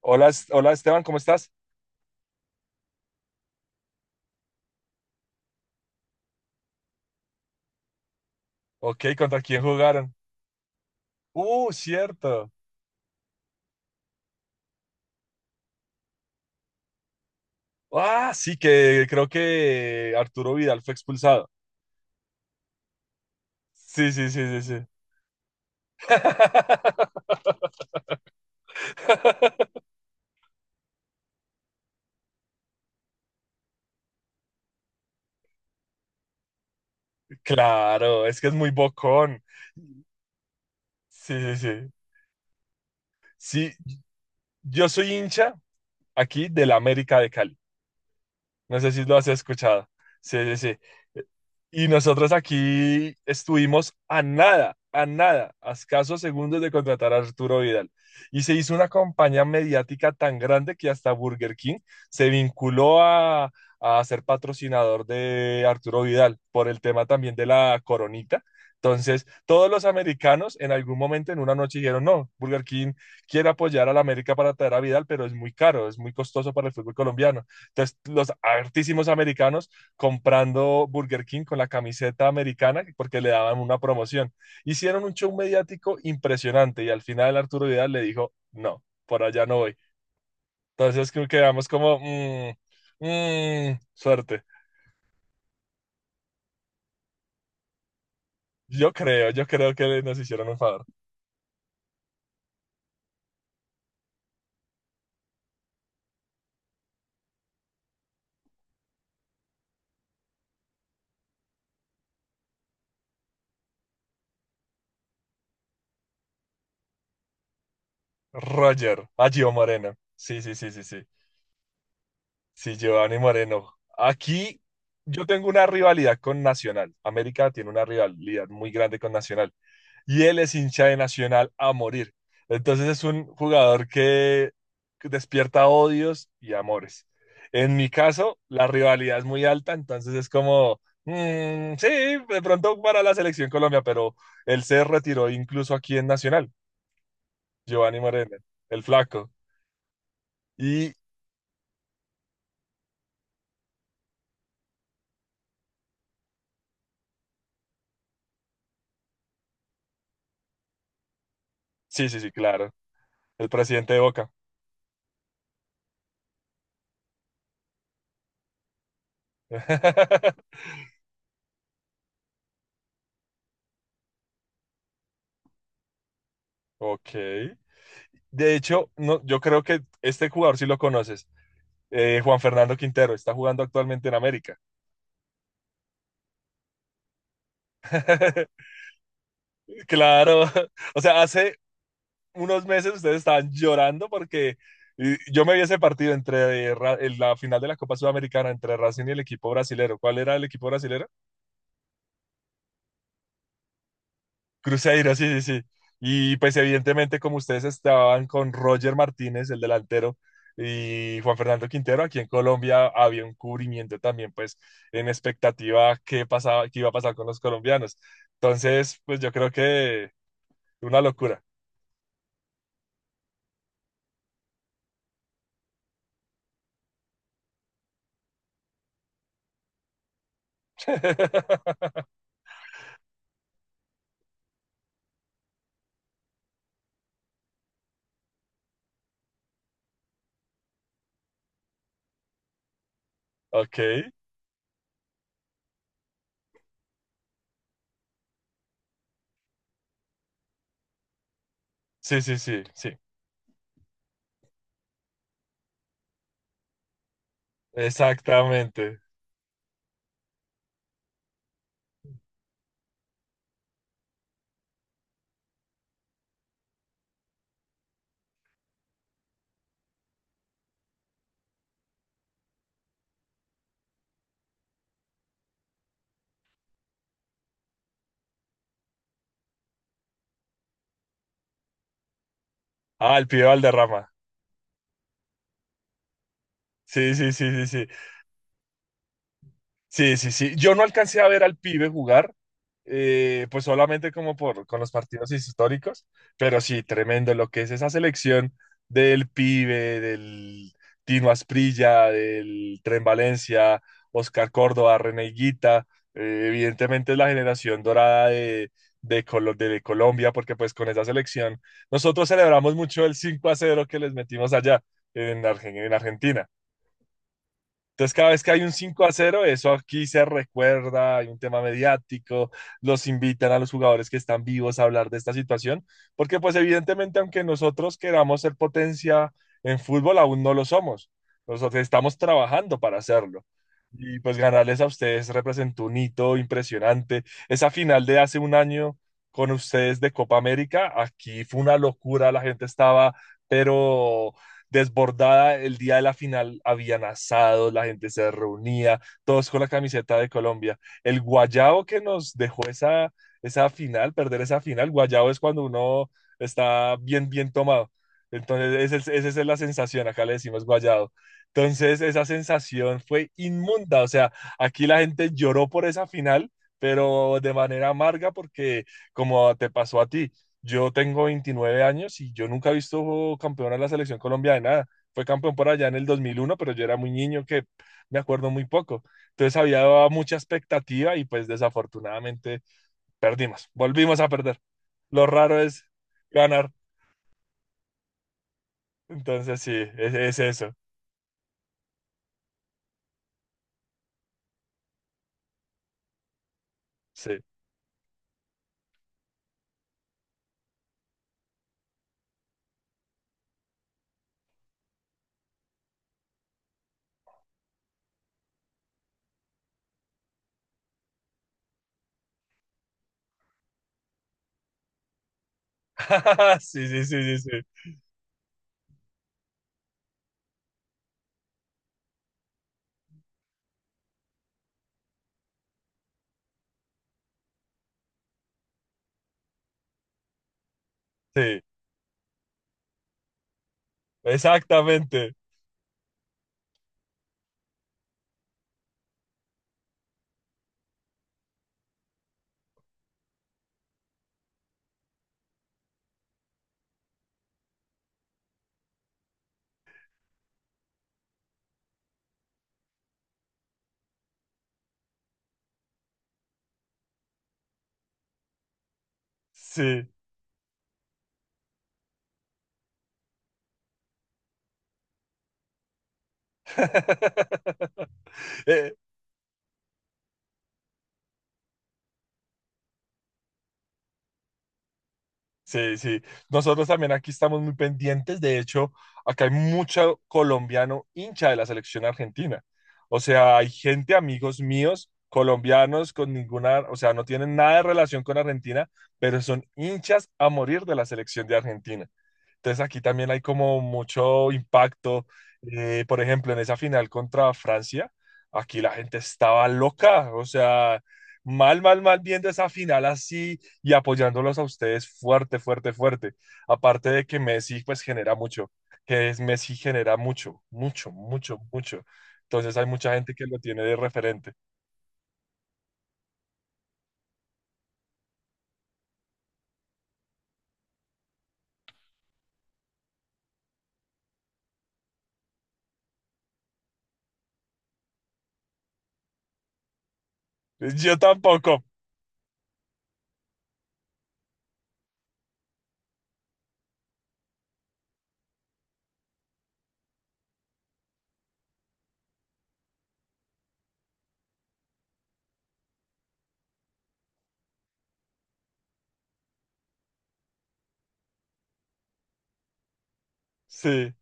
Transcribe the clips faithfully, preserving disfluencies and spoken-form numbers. Hola, Es- hola Esteban, ¿cómo estás? Ok, ¿contra quién jugaron? Uh, cierto. Ah, sí, que creo que Arturo Vidal fue expulsado. Sí, sí, sí, sí, sí. Claro, es que es muy bocón. Sí, sí, sí. Sí, yo soy hincha aquí del América de Cali. No sé si lo has escuchado. Sí, sí, sí. Y nosotros aquí estuvimos a nada, a nada, a escasos segundos de contratar a Arturo Vidal. Y se hizo una campaña mediática tan grande que hasta Burger King se vinculó a, a ser patrocinador de Arturo Vidal por el tema también de la coronita. Entonces, todos los americanos en algún momento en una noche dijeron, no, Burger King quiere apoyar a la América para traer a Vidal, pero es muy caro, es muy costoso para el fútbol colombiano. Entonces, los hartísimos americanos comprando Burger King con la camiseta americana porque le daban una promoción. Hicieron un show mediático impresionante y al final Arturo Vidal le dijo, no, por allá no voy. Entonces creo que quedamos como, mmm, mmm, suerte. Yo creo, yo creo que nos hicieron un favor. Roger, a Gio Moreno. Sí, sí, sí, sí, sí. Sí, Giovanni Moreno. Aquí yo tengo una rivalidad con Nacional. América tiene una rivalidad muy grande con Nacional. Y él es hincha de Nacional a morir. Entonces es un jugador que despierta odios y amores. En mi caso, la rivalidad es muy alta, entonces es como, mm, sí, de pronto para la selección Colombia, pero él se retiró incluso aquí en Nacional, Giovanni Moreno, el flaco. Y sí, sí, sí, claro, el presidente de Boca. Ok. De hecho, no, yo creo que este jugador sí lo conoces, eh, Juan Fernando Quintero, está jugando actualmente en América. Claro, o sea, hace unos meses ustedes estaban llorando porque eh, yo me vi ese partido entre eh, Ra- en la final de la Copa Sudamericana entre Racing y el equipo brasilero. ¿Cuál era el equipo brasilero? Cruzeiro, sí, sí, sí. Y pues evidentemente como ustedes estaban con Roger Martínez, el delantero, y Juan Fernando Quintero, aquí en Colombia había un cubrimiento también, pues en expectativa qué pasaba, qué iba a pasar con los colombianos. Entonces, pues yo creo que una locura. Ok. Sí, sí, sí, sí. Exactamente. Ah, el pibe Valderrama. Sí, sí, sí, sí, sí. Sí, sí, sí. Yo no alcancé a ver al pibe jugar, eh, pues solamente como por con los partidos históricos, pero sí, tremendo lo que es esa selección del pibe, del Tino Asprilla, del Tren Valencia, Oscar Córdoba, René Higuita, eh, evidentemente es la generación dorada de, de, Colo- de Colombia, porque pues con esa selección nosotros celebramos mucho el cinco a cero que les metimos allá en Argen- en Argentina. Entonces, cada vez que hay un cinco a cero eso aquí se recuerda, hay un tema mediático, los invitan a los jugadores que están vivos a hablar de esta situación, porque pues evidentemente, aunque nosotros queramos ser potencia en fútbol, aún no lo somos. Nosotros estamos trabajando para hacerlo. Y pues ganarles a ustedes representó un hito impresionante. Esa final de hace un año con ustedes de Copa América, aquí fue una locura, la gente estaba, pero desbordada el día de la final, habían asados, la gente se reunía, todos con la camiseta de Colombia. El guayabo que nos dejó esa, esa final, perder esa final, guayabo es cuando uno está bien, bien tomado. Entonces, esa, es, esa es la sensación, acá le decimos guayado. Entonces, esa sensación fue inmunda, o sea, aquí la gente lloró por esa final, pero de manera amarga porque como te pasó a ti, yo tengo veintinueve años y yo nunca he visto campeón a la selección Colombia de nada. Fue campeón por allá en el dos mil uno, pero yo era muy niño que me acuerdo muy poco. Entonces había mucha expectativa y pues desafortunadamente perdimos, volvimos a perder. Lo raro es ganar. Entonces sí, es, es eso. Sí. Sí, sí, sí, sí, sí. Sí, exactamente. Sí. Eh, Sí, sí. Nosotros también aquí estamos muy pendientes. De hecho, acá hay mucho colombiano hincha de la selección argentina. O sea, hay gente, amigos míos, colombianos con ninguna, o sea, no tienen nada de relación con Argentina, pero son hinchas a morir de la selección de Argentina. Entonces aquí también hay como mucho impacto. Eh, por ejemplo, en esa final contra Francia, aquí la gente estaba loca, o sea, mal, mal, mal viendo esa final así y apoyándolos a ustedes fuerte, fuerte, fuerte. Aparte de que Messi pues genera mucho, que es Messi genera mucho, mucho, mucho, mucho. Entonces hay mucha gente que lo tiene de referente. Yo tampoco. Sí,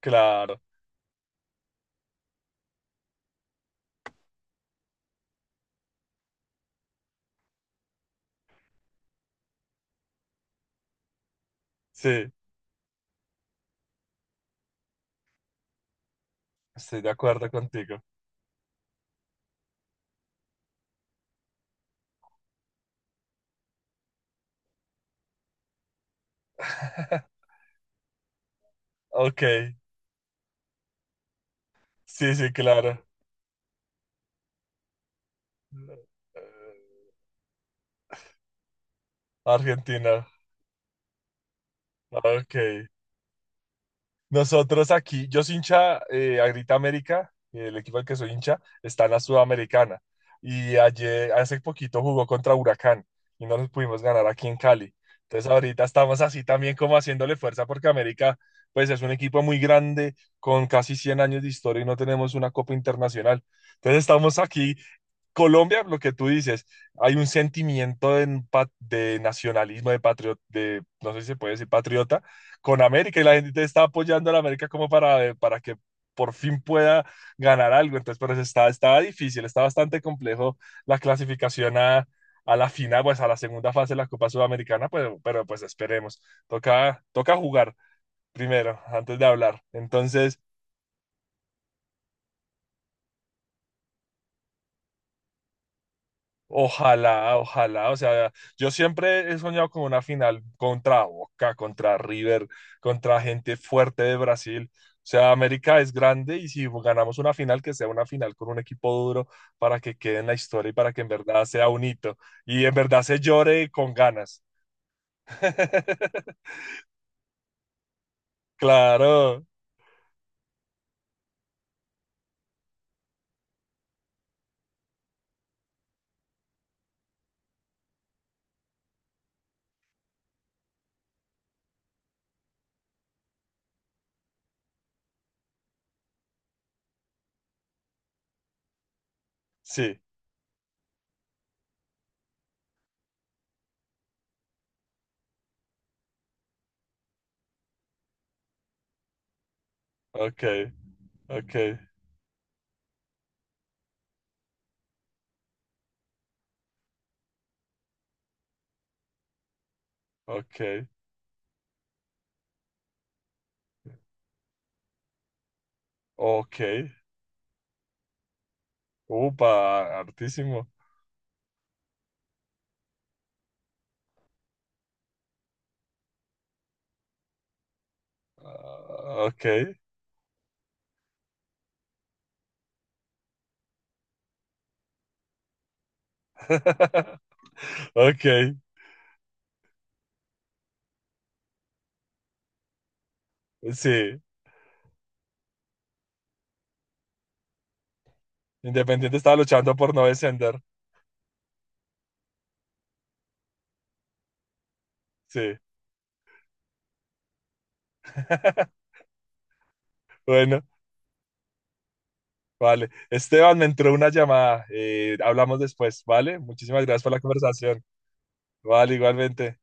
claro. Sí, estoy de acuerdo contigo. Ok, sí, sí, claro. Argentina. Ah, ok. Nosotros aquí, yo soy hincha eh, a Grita América, el equipo al que soy hincha, está en la Sudamericana. Y ayer, hace poquito jugó contra Huracán y no les pudimos ganar aquí en Cali. Entonces ahorita estamos así también como haciéndole fuerza porque América, pues es un equipo muy grande con casi cien años de historia y no tenemos una copa internacional. Entonces estamos aquí Colombia, lo que tú dices, hay un sentimiento de, empa- de nacionalismo, de patriota, de, no sé si se puede decir patriota, con América y la gente está apoyando a la América como para, eh, para que por fin pueda ganar algo. Entonces, pero eso está, estaba difícil, está bastante complejo la clasificación a, a la final, pues a la segunda fase de la Copa Sudamericana, pues, pero pues esperemos. Toca, toca jugar primero, antes de hablar. Entonces... Ojalá, ojalá, o sea, yo siempre he soñado con una final contra Boca, contra River, contra gente fuerte de Brasil. O sea, América es grande y si ganamos una final, que sea una final con un equipo duro para que quede en la historia y para que en verdad sea un hito y en verdad se llore con ganas. Claro, sí, ok, ok, ok, ok. Upa, hartísimo. Ah, ok, ok, sí. Independiente estaba luchando por no descender. Sí. Bueno, vale. Esteban, me entró una llamada. Eh, hablamos después, ¿vale? Muchísimas gracias por la conversación. Vale, igualmente.